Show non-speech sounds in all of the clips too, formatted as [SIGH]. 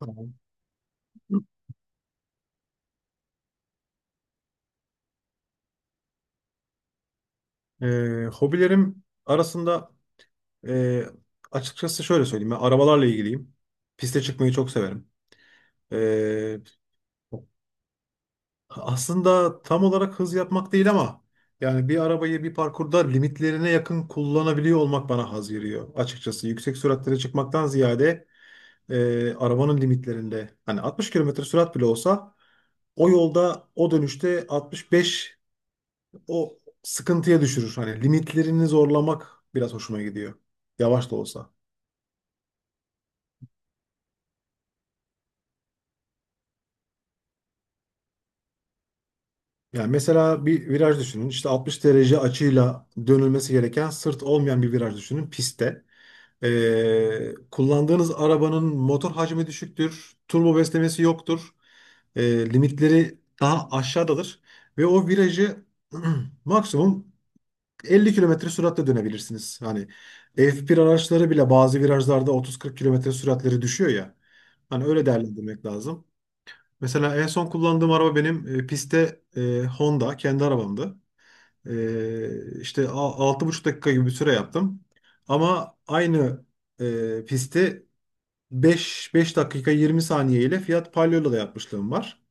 Tamam. Hobilerim arasında e, açıkçası şöyle söyleyeyim. Ben arabalarla ilgiliyim. Piste çıkmayı çok severim. Ee, Aslında tam olarak hız yapmak değil ama yani bir arabayı bir parkurda limitlerine yakın kullanabiliyor olmak bana haz veriyor. Açıkçası yüksek süratlere çıkmaktan ziyade arabanın limitlerinde hani 60 kilometre sürat bile olsa o yolda o dönüşte 65, o sıkıntıya düşürür. Hani limitlerini zorlamak biraz hoşuma gidiyor. Yavaş da olsa. Yani mesela bir viraj düşünün. İşte 60 derece açıyla dönülmesi gereken sırt olmayan bir viraj düşünün pistte. Kullandığınız arabanın motor hacmi düşüktür. Turbo beslemesi yoktur. Ee, Limitleri daha aşağıdadır. Ve o virajı [CLEARS THROAT] maksimum 50 kilometre süratle dönebilirsiniz. Hani F1 araçları bile bazı virajlarda 30-40 kilometre süratleri düşüyor ya. Hani öyle değerlendirmek lazım. Mesela en son kullandığım araba benim pistte Honda kendi arabamdı. İşte 6,5 dakika gibi bir süre yaptım. Ama aynı pisti 5 dakika 20 saniye ile Fiat Palio'yla da yapmışlığım var.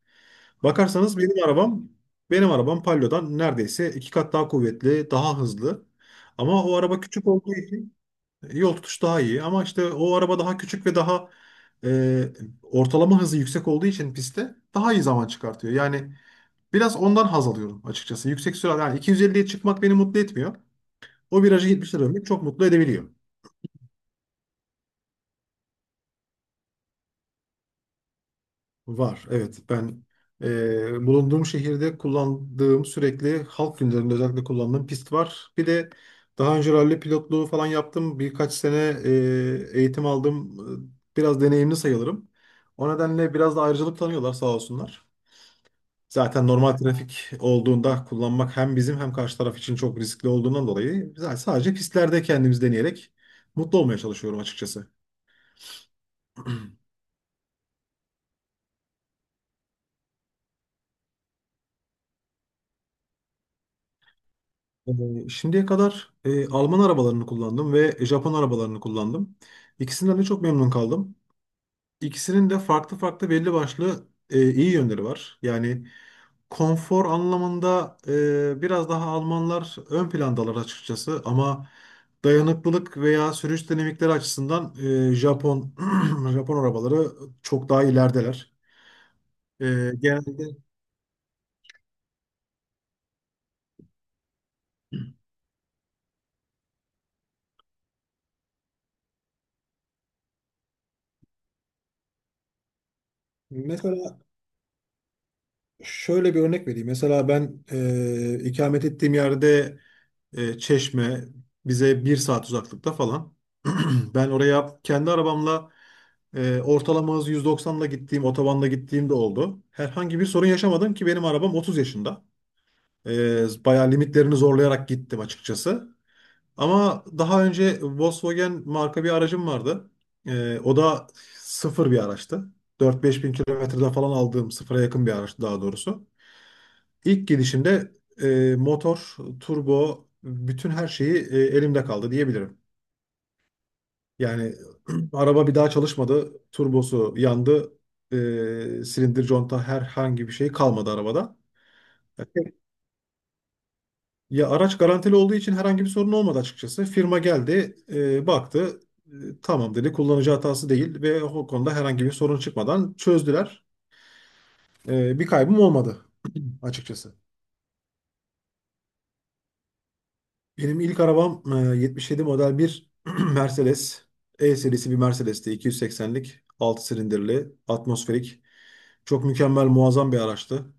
Bakarsanız benim arabam Palio'dan neredeyse iki kat daha kuvvetli, daha hızlı. Ama o araba küçük olduğu için yol tutuş daha iyi. Ama işte o araba daha küçük ve daha e, ortalama hızı yüksek olduğu için pistte daha iyi zaman çıkartıyor. Yani biraz ondan haz alıyorum açıkçası. Yüksek sürat yani 250'ye çıkmak beni mutlu etmiyor. O virajı 70'e dönmek çok mutlu edebiliyor. Var, evet. Ben bulunduğum şehirde kullandığım sürekli halk günlerinde özellikle kullandığım pist var. Bir de daha önce ralli pilotluğu falan yaptım. Birkaç sene eğitim aldım. Biraz deneyimli sayılırım. O nedenle biraz da ayrıcalık tanıyorlar sağ olsunlar. Zaten normal trafik olduğunda kullanmak hem bizim hem karşı taraf için çok riskli olduğundan dolayı zaten sadece pistlerde kendimiz deneyerek mutlu olmaya çalışıyorum açıkçası. Şimdiye kadar Alman arabalarını kullandım ve Japon arabalarını kullandım. İkisinden de çok memnun kaldım. İkisinin de farklı farklı belli başlı iyi yönleri var. Yani konfor anlamında biraz daha Almanlar ön plandalar açıkçası ama dayanıklılık veya sürüş dinamikleri açısından Japon [CLEARS THROAT] Japon arabaları çok daha ilerideler. E, Genelde mesela şöyle bir örnek vereyim. Mesela ben ikamet ettiğim yerde Çeşme bize bir saat uzaklıkta falan. [CLEARS THROAT] Ben oraya kendi arabamla ortalama hız 190'la gittiğim, otobanda gittiğim de oldu. Herhangi bir sorun yaşamadım ki benim arabam 30 yaşında. Bayağı limitlerini zorlayarak gittim açıkçası. Ama daha önce Volkswagen marka bir aracım vardı. O da sıfır bir araçtı. 4-5 bin kilometreden falan aldığım sıfıra yakın bir araçtı daha doğrusu. İlk gidişimde motor, turbo, bütün her şeyi elimde kaldı diyebilirim. Yani [CLEARS THROAT] araba bir daha çalışmadı, turbosu yandı, silindir, conta herhangi bir şey kalmadı arabada. Evet. Ya araç garantili olduğu için herhangi bir sorun olmadı açıkçası. Firma geldi, baktı, tamam dedi, kullanıcı hatası değil ve o konuda herhangi bir sorun çıkmadan çözdüler. Bir kaybım olmadı açıkçası. Benim ilk arabam 77 model bir [CLEARS THROAT] Mercedes. E serisi bir Mercedes'ti. 280'lik, 6 silindirli, atmosferik. Çok mükemmel, muazzam bir araçtı.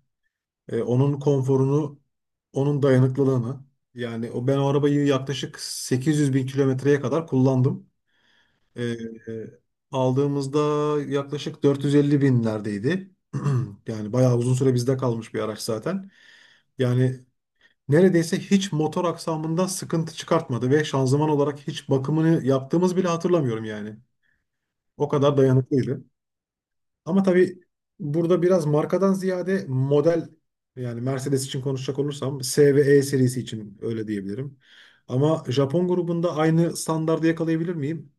Onun konforunu, onun dayanıklılığını. Yani o ben o arabayı yaklaşık 800 bin kilometreye kadar kullandım. E, e, Aldığımızda yaklaşık 450 binlerdeydi. [CLEARS THROAT] Yani bayağı uzun süre bizde kalmış bir araç zaten. Yani neredeyse hiç motor aksamında sıkıntı çıkartmadı ve şanzıman olarak hiç bakımını yaptığımız bile hatırlamıyorum yani. O kadar dayanıklıydı. Ama tabii burada biraz markadan ziyade model yani Mercedes için konuşacak olursam S ve E serisi için öyle diyebilirim. Ama Japon grubunda aynı standardı yakalayabilir miyim?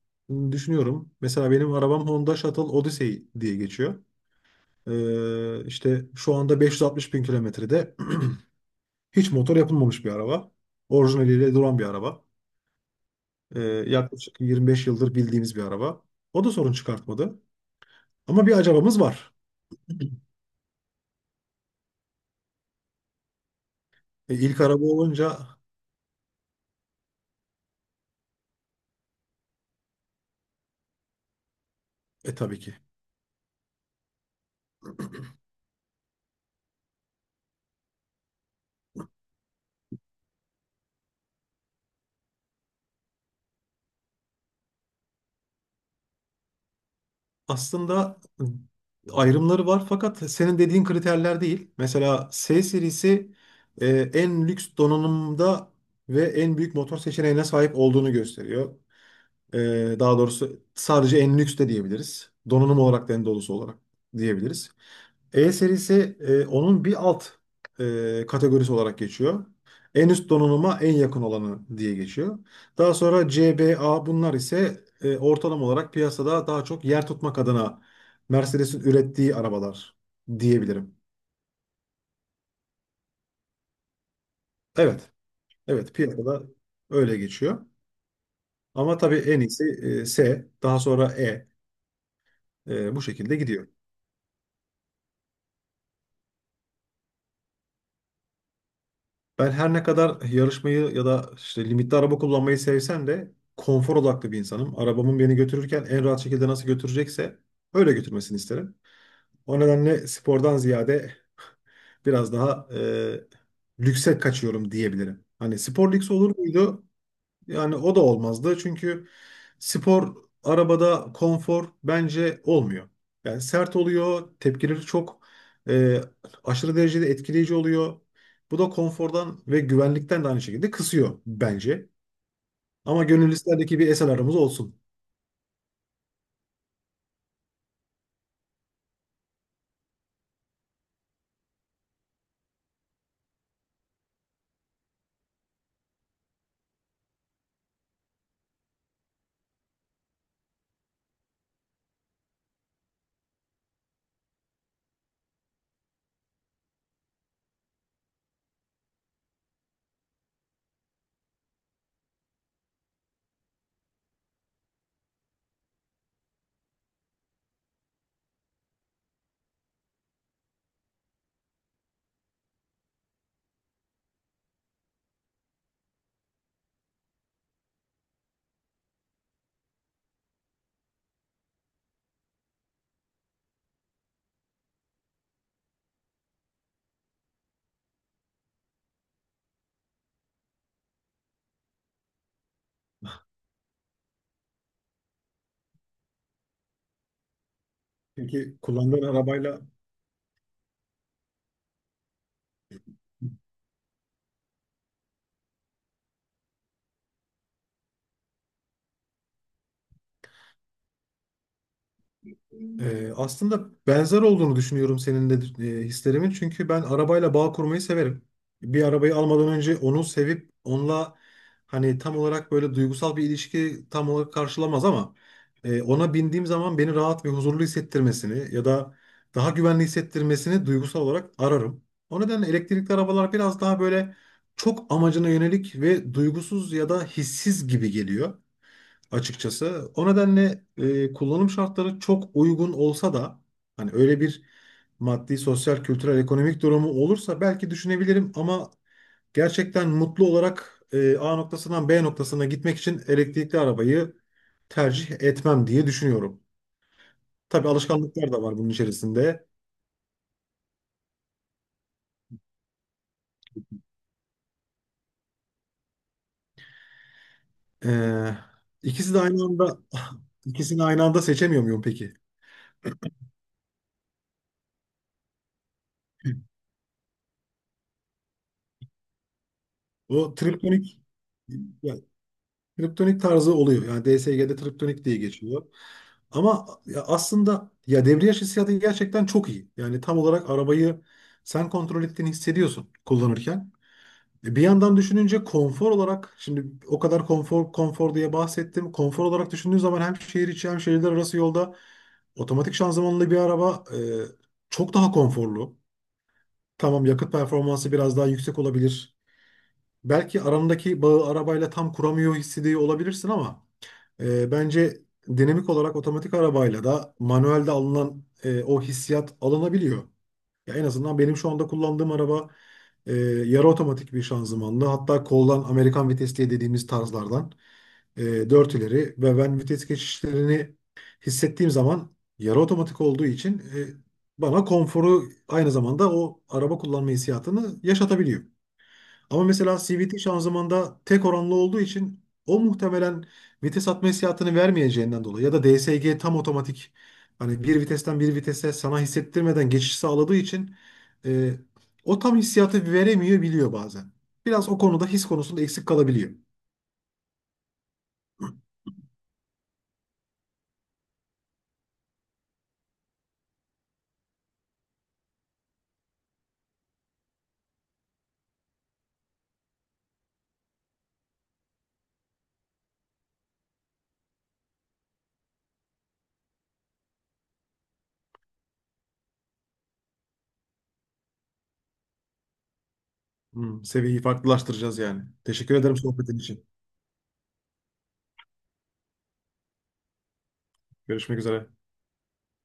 Düşünüyorum. Mesela benim arabam Honda Shuttle Odyssey diye geçiyor. İşte şu anda 560 bin kilometrede [CLEARS THROAT] hiç motor yapılmamış bir araba orijinaliyle duran bir araba. Ee, Yaklaşık 25 yıldır bildiğimiz bir araba. O da sorun çıkartmadı. Ama bir acabamız var. İlk araba olunca tabii ki. Aslında ayrımları var fakat senin dediğin kriterler değil. Mesela S serisi en lüks donanımda ve en büyük motor seçeneğine sahip olduğunu gösteriyor. E, Daha doğrusu sadece en lüks de diyebiliriz. Donanım olarak da en dolusu olarak diyebiliriz. E serisi onun bir alt kategorisi olarak geçiyor. En üst donanıma en yakın olanı diye geçiyor. Daha sonra CBA bunlar ise ortalama olarak piyasada daha çok yer tutmak adına Mercedes'in ürettiği arabalar diyebilirim. Evet, evet piyasada öyle geçiyor. Ama tabii en iyisi S, daha sonra E, bu şekilde gidiyor. Ben her ne kadar yarışmayı ya da işte limitli araba kullanmayı sevsem de konfor odaklı bir insanım. Arabamın beni götürürken en rahat şekilde nasıl götürecekse öyle götürmesini isterim. O nedenle spordan ziyade biraz daha lükse kaçıyorum diyebilirim. Hani spor lüks olur muydu? Yani o da olmazdı. Çünkü spor arabada konfor bence olmuyor. Yani sert oluyor, tepkileri çok e, aşırı derecede etkileyici oluyor. Bu da konfordan ve güvenlikten de aynı şekilde kısıyor bence. Ama gönül isterdi ki bir SLR'ımız olsun. Çünkü kullandığın arabayla. Aslında benzer olduğunu düşünüyorum senin de hislerimin. Çünkü ben arabayla bağ kurmayı severim. Bir arabayı almadan önce onu sevip onunla hani tam olarak böyle duygusal bir ilişki tam olarak karşılamaz ama ona bindiğim zaman beni rahat ve huzurlu hissettirmesini ya da daha güvenli hissettirmesini duygusal olarak ararım. O nedenle elektrikli arabalar biraz daha böyle çok amacına yönelik ve duygusuz ya da hissiz gibi geliyor açıkçası. O nedenle kullanım şartları çok uygun olsa da hani öyle bir maddi, sosyal, kültürel, ekonomik durumu olursa belki düşünebilirim ama gerçekten mutlu olarak A noktasından B noktasına gitmek için elektrikli arabayı tercih etmem diye düşünüyorum. Tabii alışkanlıklar da var bunun içerisinde. Ee, ikisi de aynı anda [LAUGHS] ikisini aynı anda seçemiyor muyum peki? O triptonik ya, triptonik tarzı oluyor. Yani DSG'de triptonik diye geçiyor. Ama ya aslında ya debriyaj hissiyatı gerçekten çok iyi. Yani tam olarak arabayı sen kontrol ettiğini hissediyorsun kullanırken. Bir yandan düşününce konfor olarak şimdi o kadar konfor konfor diye bahsettim. Konfor olarak düşündüğün zaman hem şehir içi hem şehirler arası yolda otomatik şanzımanlı bir araba çok daha konforlu. Tamam yakıt performansı biraz daha yüksek olabilir. Belki arandaki bağı arabayla tam kuramıyor hissediyor olabilirsin ama bence dinamik olarak otomatik arabayla da manuelde alınan o hissiyat alınabiliyor. Ya en azından benim şu anda kullandığım araba e, yarı otomatik bir şanzımanlı. Hatta koldan Amerikan vites diye dediğimiz tarzlardan 4 ileri ve ben vites geçişlerini hissettiğim zaman yarı otomatik olduğu için bana konforu aynı zamanda o araba kullanma hissiyatını yaşatabiliyor. Ama mesela CVT şanzımanda tek oranlı olduğu için o muhtemelen vites atma hissiyatını vermeyeceğinden dolayı ya da DSG tam otomatik hani bir vitesten bir vitese sana hissettirmeden geçiş sağladığı için e, o tam hissiyatı veremiyor biliyor bazen. Biraz o konuda his konusunda eksik kalabiliyor. Hmm, seviyeyi farklılaştıracağız yani. Teşekkür ederim sohbetin için. Görüşmek üzere.